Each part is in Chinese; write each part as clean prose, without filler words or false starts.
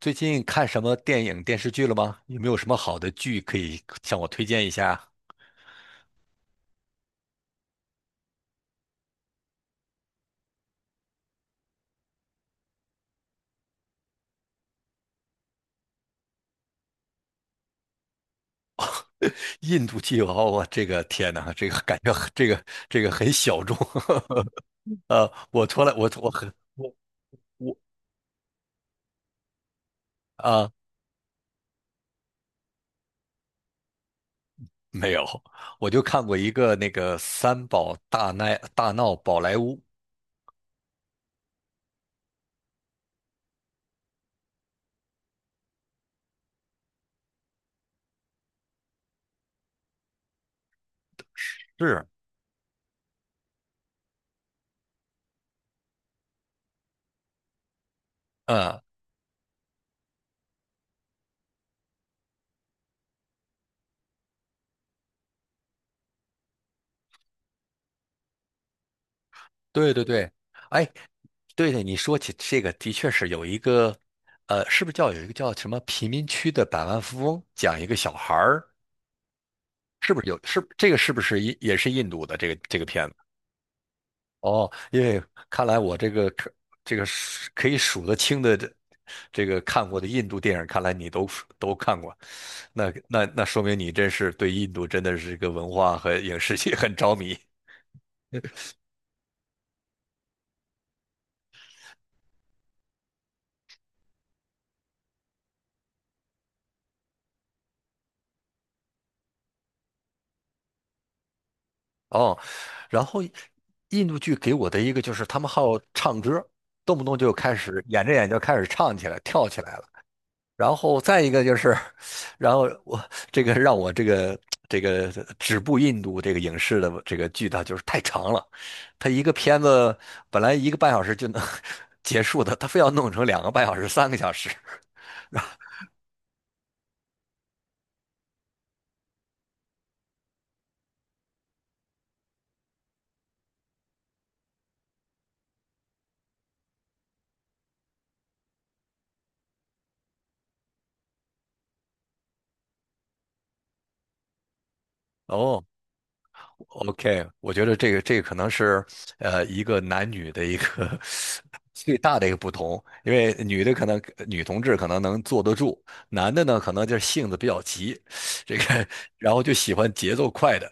最近看什么电影、电视剧了吗？有没有什么好的剧可以向我推荐一下？印度剧，哦，我这个天哪，这个感觉很，这个很小众。我从来我我很我我啊、没有，我就看过一个那个《三宝大奈大闹宝莱坞》。是，嗯，对对对，哎，对对，你说起这个，的确是有一个。是不是叫有一个叫什么贫民区的百万富翁，讲一个小孩儿，是不是有？是这个是不是也是印度的这个片子？哦，因为看来我这个可这个数可以数得清的这个看过的印度电影，看来你都看过。那说明你真是对印度真的是一个文化和影视界很着迷。哦，然后印度剧给我的一个就是他们好唱歌，动不动就开始演着演着就开始唱起来、跳起来了。然后再一个就是，然后我这个让我这个这个止步印度这个影视的这个剧，它就是太长了，它一个片子本来1个半小时就能 结束的，他非要弄成2个半小时、三个小时。哦，OK,我觉得这个可能是一个男女的一个 最大的一个不同。因为女同志可能能坐得住，男的呢可能就是性子比较急，这个然后就喜欢节奏快的。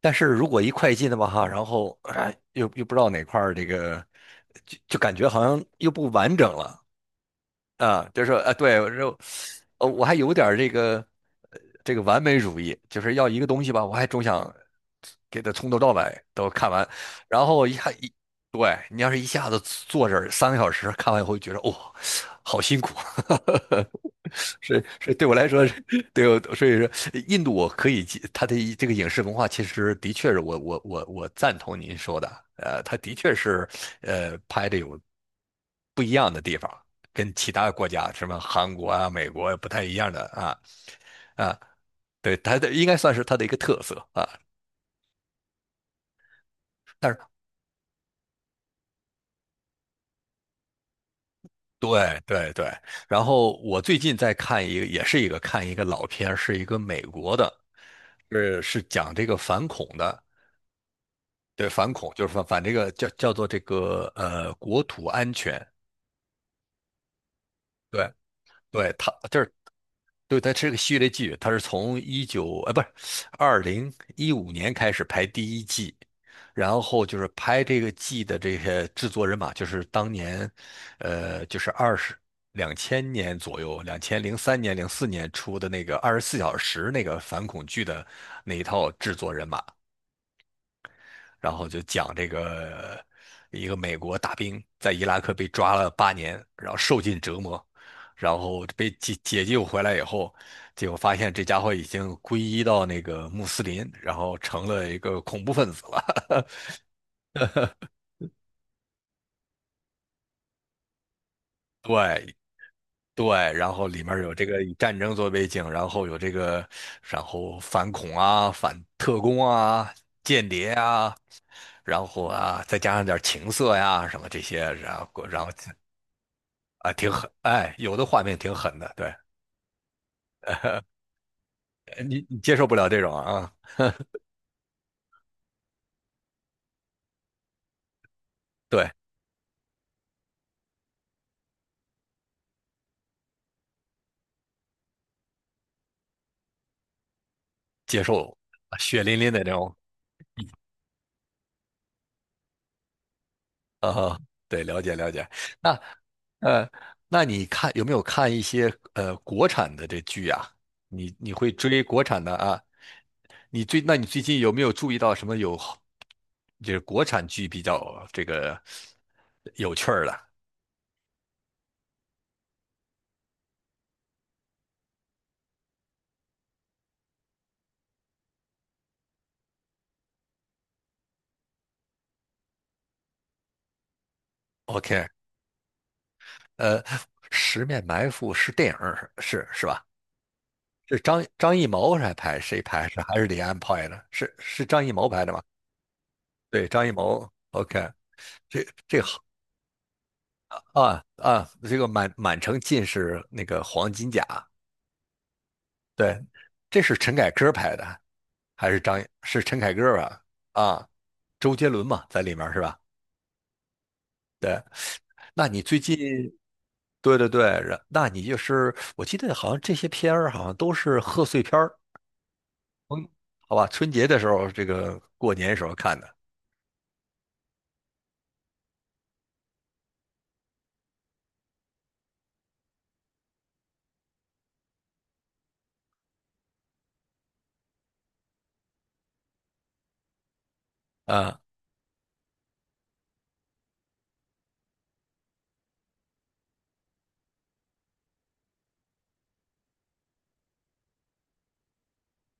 但是如果一快进的话，哈，然后哎，又不知道哪块儿这个，就感觉好像又不完整了。啊，就是说，啊，对，我说，我还有点儿这个，这个完美主义，就是要一个东西吧，我还总想给它从头到尾都看完，然后一下一，对，你要是一下子坐这儿三个小时看完以后，觉得哦，好辛苦。所以对我来说，所以说印度我可以接，它的这个影视文化其实的确是我赞同您说的。它的确是拍的有不一样的地方。跟其他的国家，什么韩国啊、美国啊不太一样的啊，啊，对，它的应该算是它的一个特色啊。但是对对对，然后我最近在看一个，看一个老片儿是一个美国的，是讲这个反恐的。对，反恐就是这个叫做这个国土安全。对对，他就是对，它是个系列剧，它是从一九，哎，不是，2015年开始拍第一季。然后就是拍这个季的这些制作人马，就是当年，就是2000年左右，2003年、04年出的那个24小时那个反恐剧的那一套制作人马。然后就讲这个一个美国大兵在伊拉克被抓了8年，然后受尽折磨，然后被解救回来以后，结果发现这家伙已经皈依到那个穆斯林，然后成了一个恐怖分子了。对对，然后里面有这个以战争做背景，然后有这个，然后反恐啊、反特工啊、间谍啊，然后啊，再加上点情色呀、什么这些，然后啊挺狠，哎，有的画面挺狠的，对。你接受不了这种啊，对，接受啊血淋淋的这种啊。对，了解了解。那呃，你看有没有看一些国产的这剧啊？你会追国产的啊？你最近有没有注意到什么有就是国产剧比较这个有趣儿的？OK,呃，《十面埋伏》是电影儿，是吧？是张艺谋来拍，谁拍？是还是李安拍的？是张艺谋拍的吗？对，张艺谋。OK,这这好啊，这个满城尽是那个黄金甲。对，这是陈凯歌拍的，还是张？是陈凯歌吧？啊，周杰伦嘛，在里面是吧？对，那你最近对对对，那你就是我记得好像这些片儿好像都是贺岁片儿。嗯，好吧，春节的时候，这个过年时候看的，啊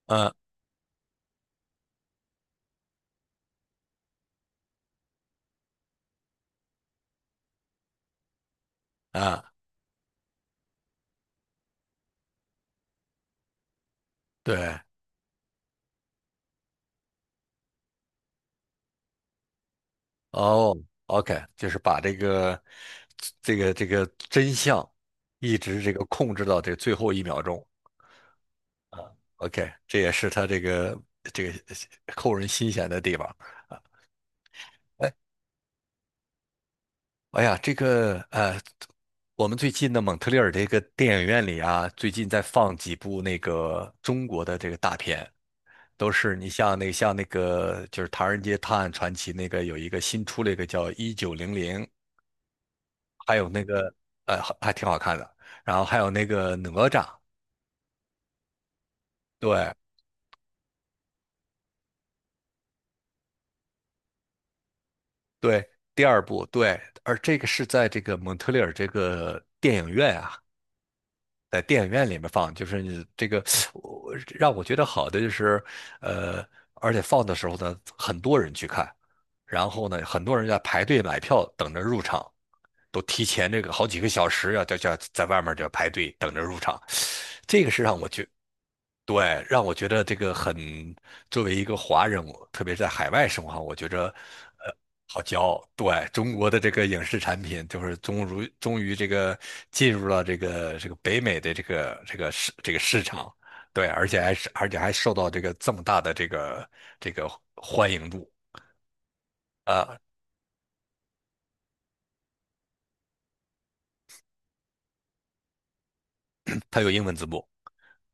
啊啊。对，哦，OK,就是把这个这个真相一直这个控制到这最后一秒钟。OK,这也是他这个扣人心弦的地方。哎呀，这个我们最近的蒙特利尔这个电影院里啊，最近在放几部那个中国的这个大片，都是你像那像那个就是《唐人街探案传奇》，那个有一个新出了一个叫《1900》。还有那个还挺好看的。然后还有那个哪吒，对对，第二部对，而这个是在这个蒙特利尔这个电影院啊，在电影院里面放，就是你这个我让我觉得好的就是，呃，而且放的时候呢，很多人去看，然后呢，很多人在排队买票等着入场。都提前这个好几个小时要在外面就排队等着入场，这个是让我觉，对，让我觉得这个很，作为一个华人，我特别是在海外生活，我觉着呃好骄傲。对，中国的这个影视产品，就是终于这个进入了这个北美的这个这个市场。对，而且还受到这个这么大的这个这个欢迎度啊。它有英文字幕，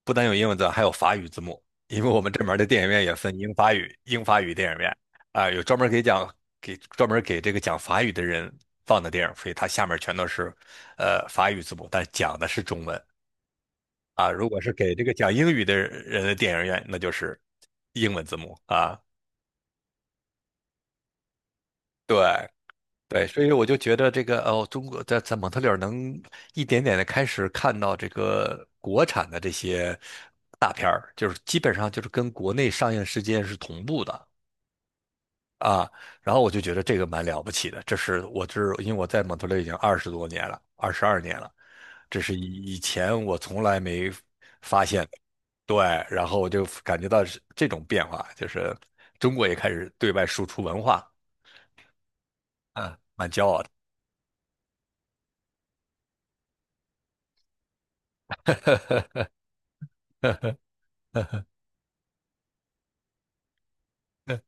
不单有英文字，还有法语字幕，因为我们这门儿的电影院也分英法语，电影院啊，有专门儿给讲给专门儿给这个讲法语的人放的电影，所以它下面全都是法语字幕，但讲的是中文啊。如果是给这个讲英语的人的电影院，那就是英文字幕啊。对，对，所以我就觉得这个哦，中国在蒙特利尔能一点点的开始看到这个国产的这些大片儿，就是基本上就是跟国内上映时间是同步的啊。然后我就觉得这个蛮了不起的，这是因为我在蒙特利尔已经20多年了，22年了，这是以前我从来没发现的。对，然后我就感觉到是这种变化，就是中国也开始对外输出文化，嗯，蛮骄傲的。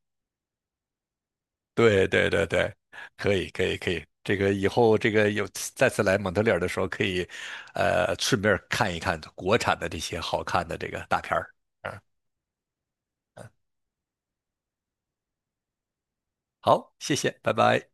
对对对对，可以可以可以，这个以后这个有再次来蒙特利尔的时候，可以，顺便看一看国产的这些好看的这个大片儿。嗯，好，谢谢，拜拜。